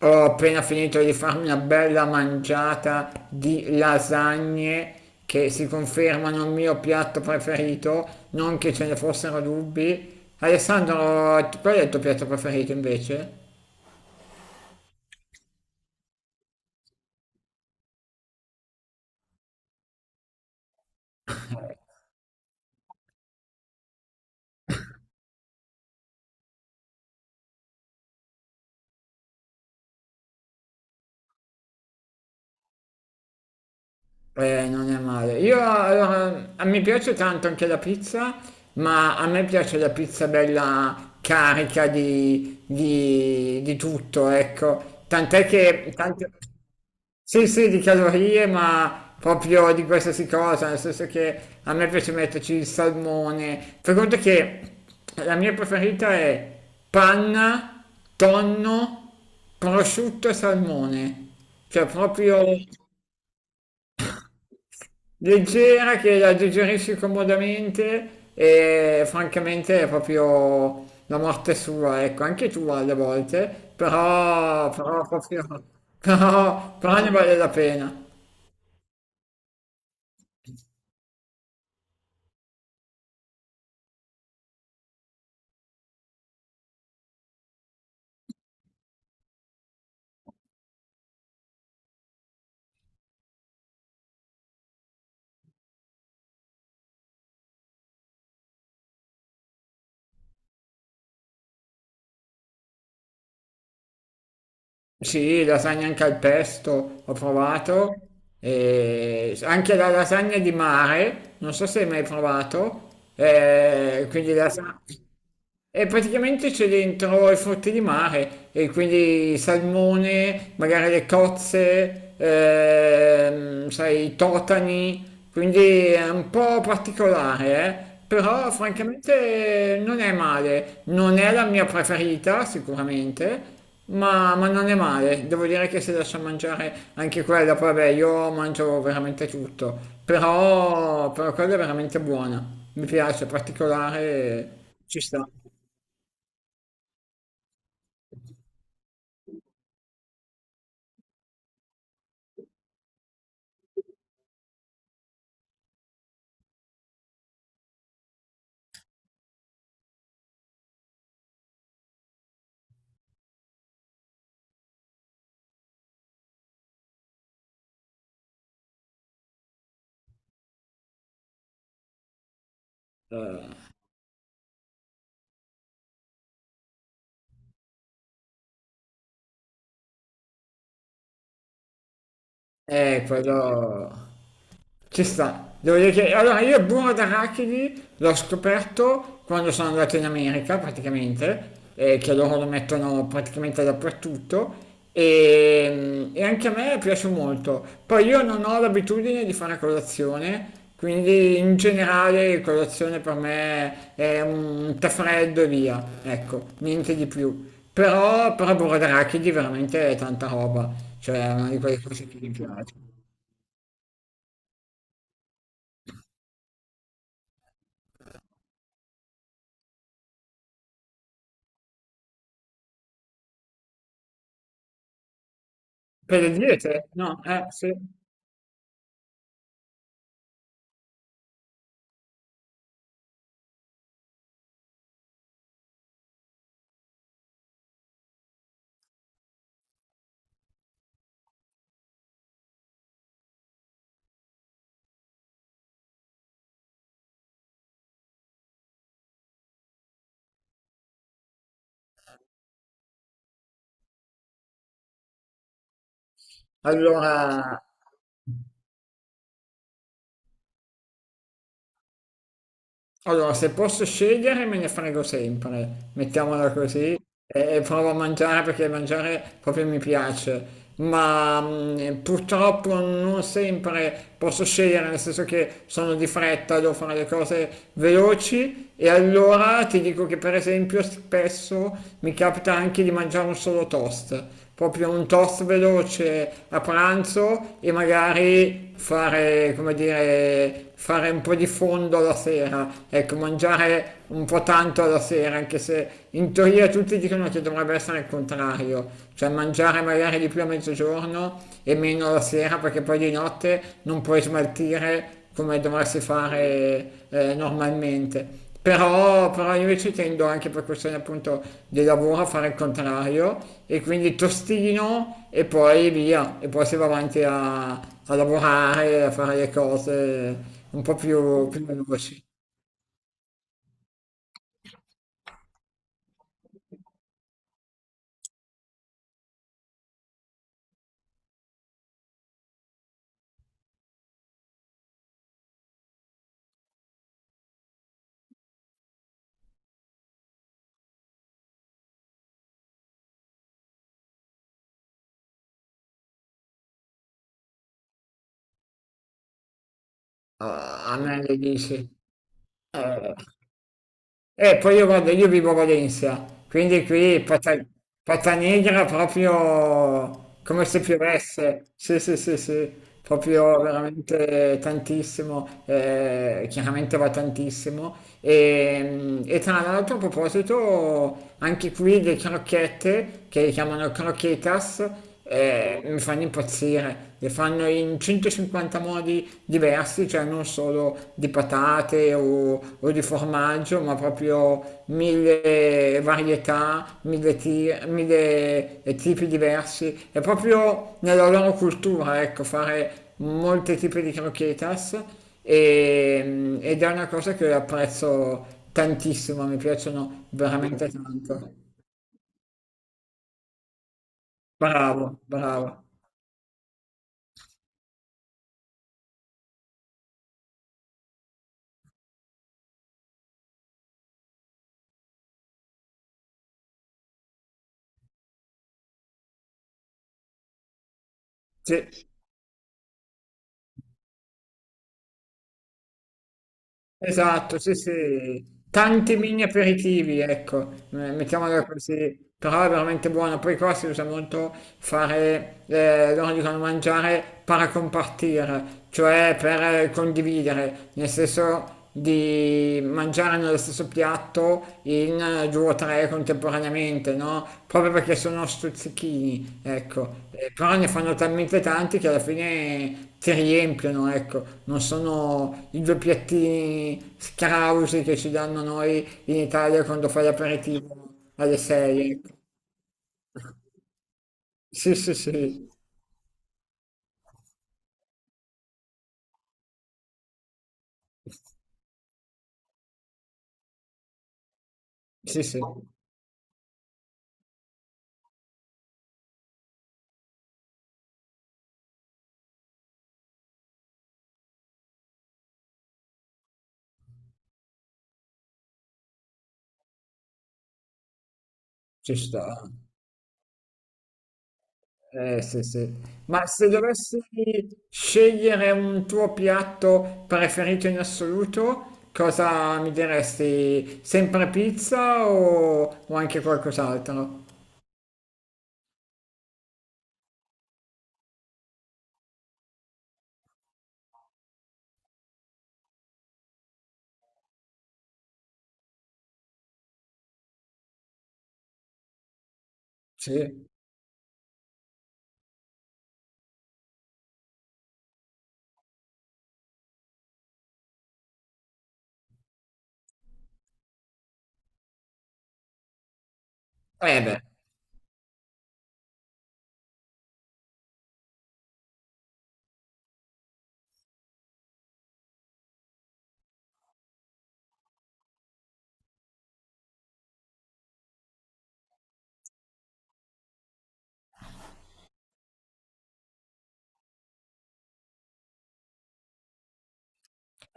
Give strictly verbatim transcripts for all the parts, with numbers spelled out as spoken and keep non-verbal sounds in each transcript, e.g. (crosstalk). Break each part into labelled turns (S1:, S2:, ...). S1: Ho appena finito di farmi una bella mangiata di lasagne che si confermano il mio piatto preferito, non che ce ne fossero dubbi. Alessandro, t- qual è il tuo piatto preferito invece? Eh, non è male. Io allora, a me piace tanto anche la pizza, ma a me piace la pizza bella carica di, di, di tutto, ecco. Tant'è che tante- Sì, sì, di calorie, ma proprio di qualsiasi cosa, nel senso che a me piace metterci il salmone. Fai conto che la mia preferita è panna, tonno, prosciutto e salmone. Cioè proprio leggera, che la digerisci comodamente e francamente è proprio la morte sua, ecco, anche tu alle volte, però, però proprio... (laughs) Però, però ne vale la pena. Sì, lasagna anche al pesto, ho provato, e anche la lasagna di mare, non so se hai mai provato, eh, quindi lasagna... E praticamente c'è dentro i frutti di mare, e quindi salmone, magari le cozze, ehm, sai, i totani, quindi è un po' particolare, eh? Però francamente non è male, non è la mia preferita sicuramente, ma, ma non è male, devo dire che se lascia mangiare anche quella, poi vabbè io mangio veramente tutto, però, però quella è veramente buona, mi piace, particolare, ci sta. Eh, quello ci sta. Devo dire che allora io il burro d'arachidi l'ho scoperto quando sono andato in America praticamente, eh, che loro lo mettono praticamente dappertutto e, mm, e anche a me piace molto. Poi io non ho l'abitudine di fare colazione, quindi in generale colazione per me è un tè freddo e via, ecco, niente di più. Però, però burro d'arachidi veramente è tanta roba, cioè è una di quelle cose che mi piace. Per le diete? No, eh sì. Allora, allora, se posso scegliere me ne frego sempre, mettiamola così, e, e provo a mangiare perché mangiare proprio mi piace, ma mh, purtroppo non sempre posso scegliere, nel senso che sono di fretta, devo fare le cose veloci e allora ti dico che per esempio spesso mi capita anche di mangiare un solo toast. Proprio un toast veloce a pranzo e magari fare, come dire, fare un po' di fondo alla sera, ecco, mangiare un po' tanto alla sera, anche se in teoria tutti dicono che dovrebbe essere il contrario, cioè mangiare magari di più a mezzogiorno e meno alla sera, perché poi di notte non puoi smaltire come dovresti fare eh, normalmente. Però, però io ci tendo anche per questione appunto di lavoro a fare il contrario e quindi tostino e poi via, e poi si va avanti a, a lavorare, a fare le cose un po' più, più veloci. A, a me le dici. Eh, E poi io vado, io vivo a Valencia, quindi qui Pata- Patanegra proprio come se piovesse, sì sì sì sì, proprio veramente tantissimo, eh, chiaramente va tantissimo. E, e tra l'altro a proposito, anche qui le crocchette, che chiamano croquetas, eh, mi fanno impazzire, le fanno in centocinquanta modi diversi, cioè non solo di patate o, o di formaggio, ma proprio mille varietà, mille, ti- mille tipi diversi. È proprio nella loro cultura, ecco, fare molti tipi di croquetas e- ed è una cosa che apprezzo tantissimo, mi piacciono veramente tanto. Bravo, bravo. Sì. Esatto, sì, sì, tanti mini aperitivi, ecco, eh, mettiamola così, però è veramente buono. Poi qua si usa molto fare, eh, loro dicono mangiare paracompartire, cioè per eh, condividere, nel senso di mangiare nello stesso piatto in eh, due o tre contemporaneamente, no? Proprio perché sono stuzzichini, ecco. Eh, però ne fanno talmente tanti che alla fine ti riempiono, ecco. Non sono i due piattini scrausi che ci danno noi in Italia quando fai l'aperitivo alle sei. Sì, sì, sì, sì, sì, ci sta. Eh, sì, sì. Ma se dovessi scegliere un tuo piatto preferito in assoluto, cosa mi diresti? Sempre pizza o, o anche qualcos'altro? Sì. Eh beh,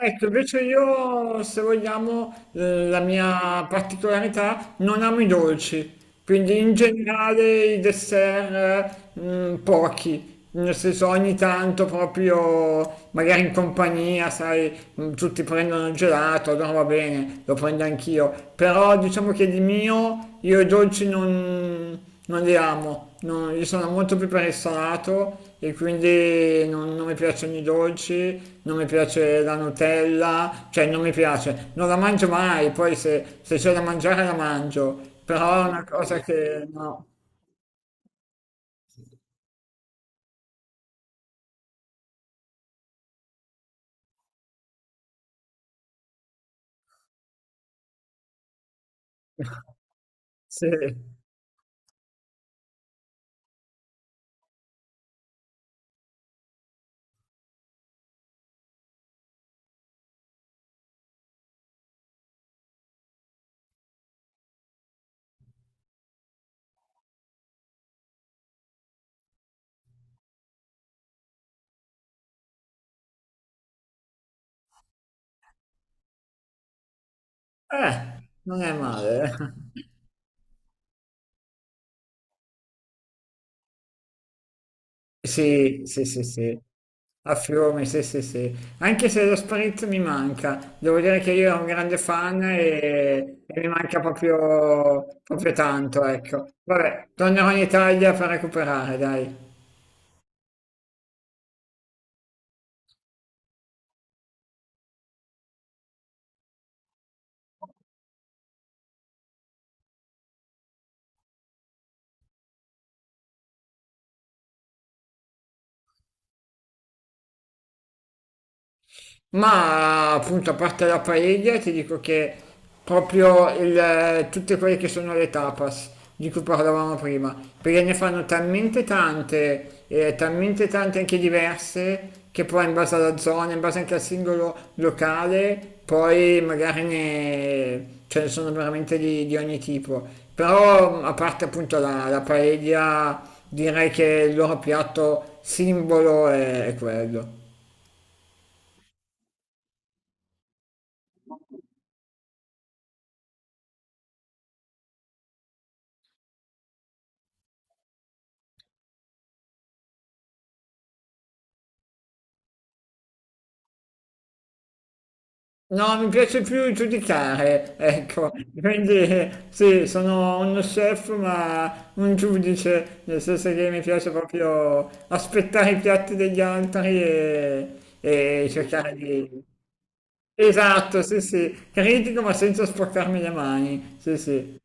S1: ecco, invece io, se vogliamo, eh, la mia particolarità, non amo i dolci, quindi in generale i dessert eh, mm, pochi, nel senso ogni tanto proprio, magari in compagnia, sai, mm, tutti prendono il gelato, allora va bene, lo prendo anch'io, però diciamo che di mio io i dolci non non li amo, non- io sono molto più per il salato e quindi non, non mi piacciono i dolci, non mi piace la Nutella, cioè non mi piace, non la mangio mai, poi se, se c'è da mangiare la mangio, però è una cosa che no, sì, eh, non è male. (laughs) Sì, sì, sì, sì. A Fiume, sì, sì, sì. Anche se lo spritz mi manca, devo dire che io ero un grande fan e, e mi manca proprio, proprio tanto, ecco. Vabbè, tornerò in Italia per recuperare, dai. Ma appunto, a parte la paella, ti dico che proprio il- tutte quelle che sono le tapas di cui parlavamo prima, perché ne fanno talmente tante, e talmente tante anche diverse, che poi in base alla zona, in base anche al singolo locale, poi magari ne, ce ne sono veramente di, di ogni tipo. Però a parte appunto la, la paella, direi che il loro piatto simbolo è è quello. No, mi piace più giudicare, ecco, quindi eh, sì, sono uno chef ma un giudice, nel senso che mi piace proprio aspettare i piatti degli altri e, e cercare di... Esatto, sì, sì, critico ma senza sporcarmi le mani, sì, sì.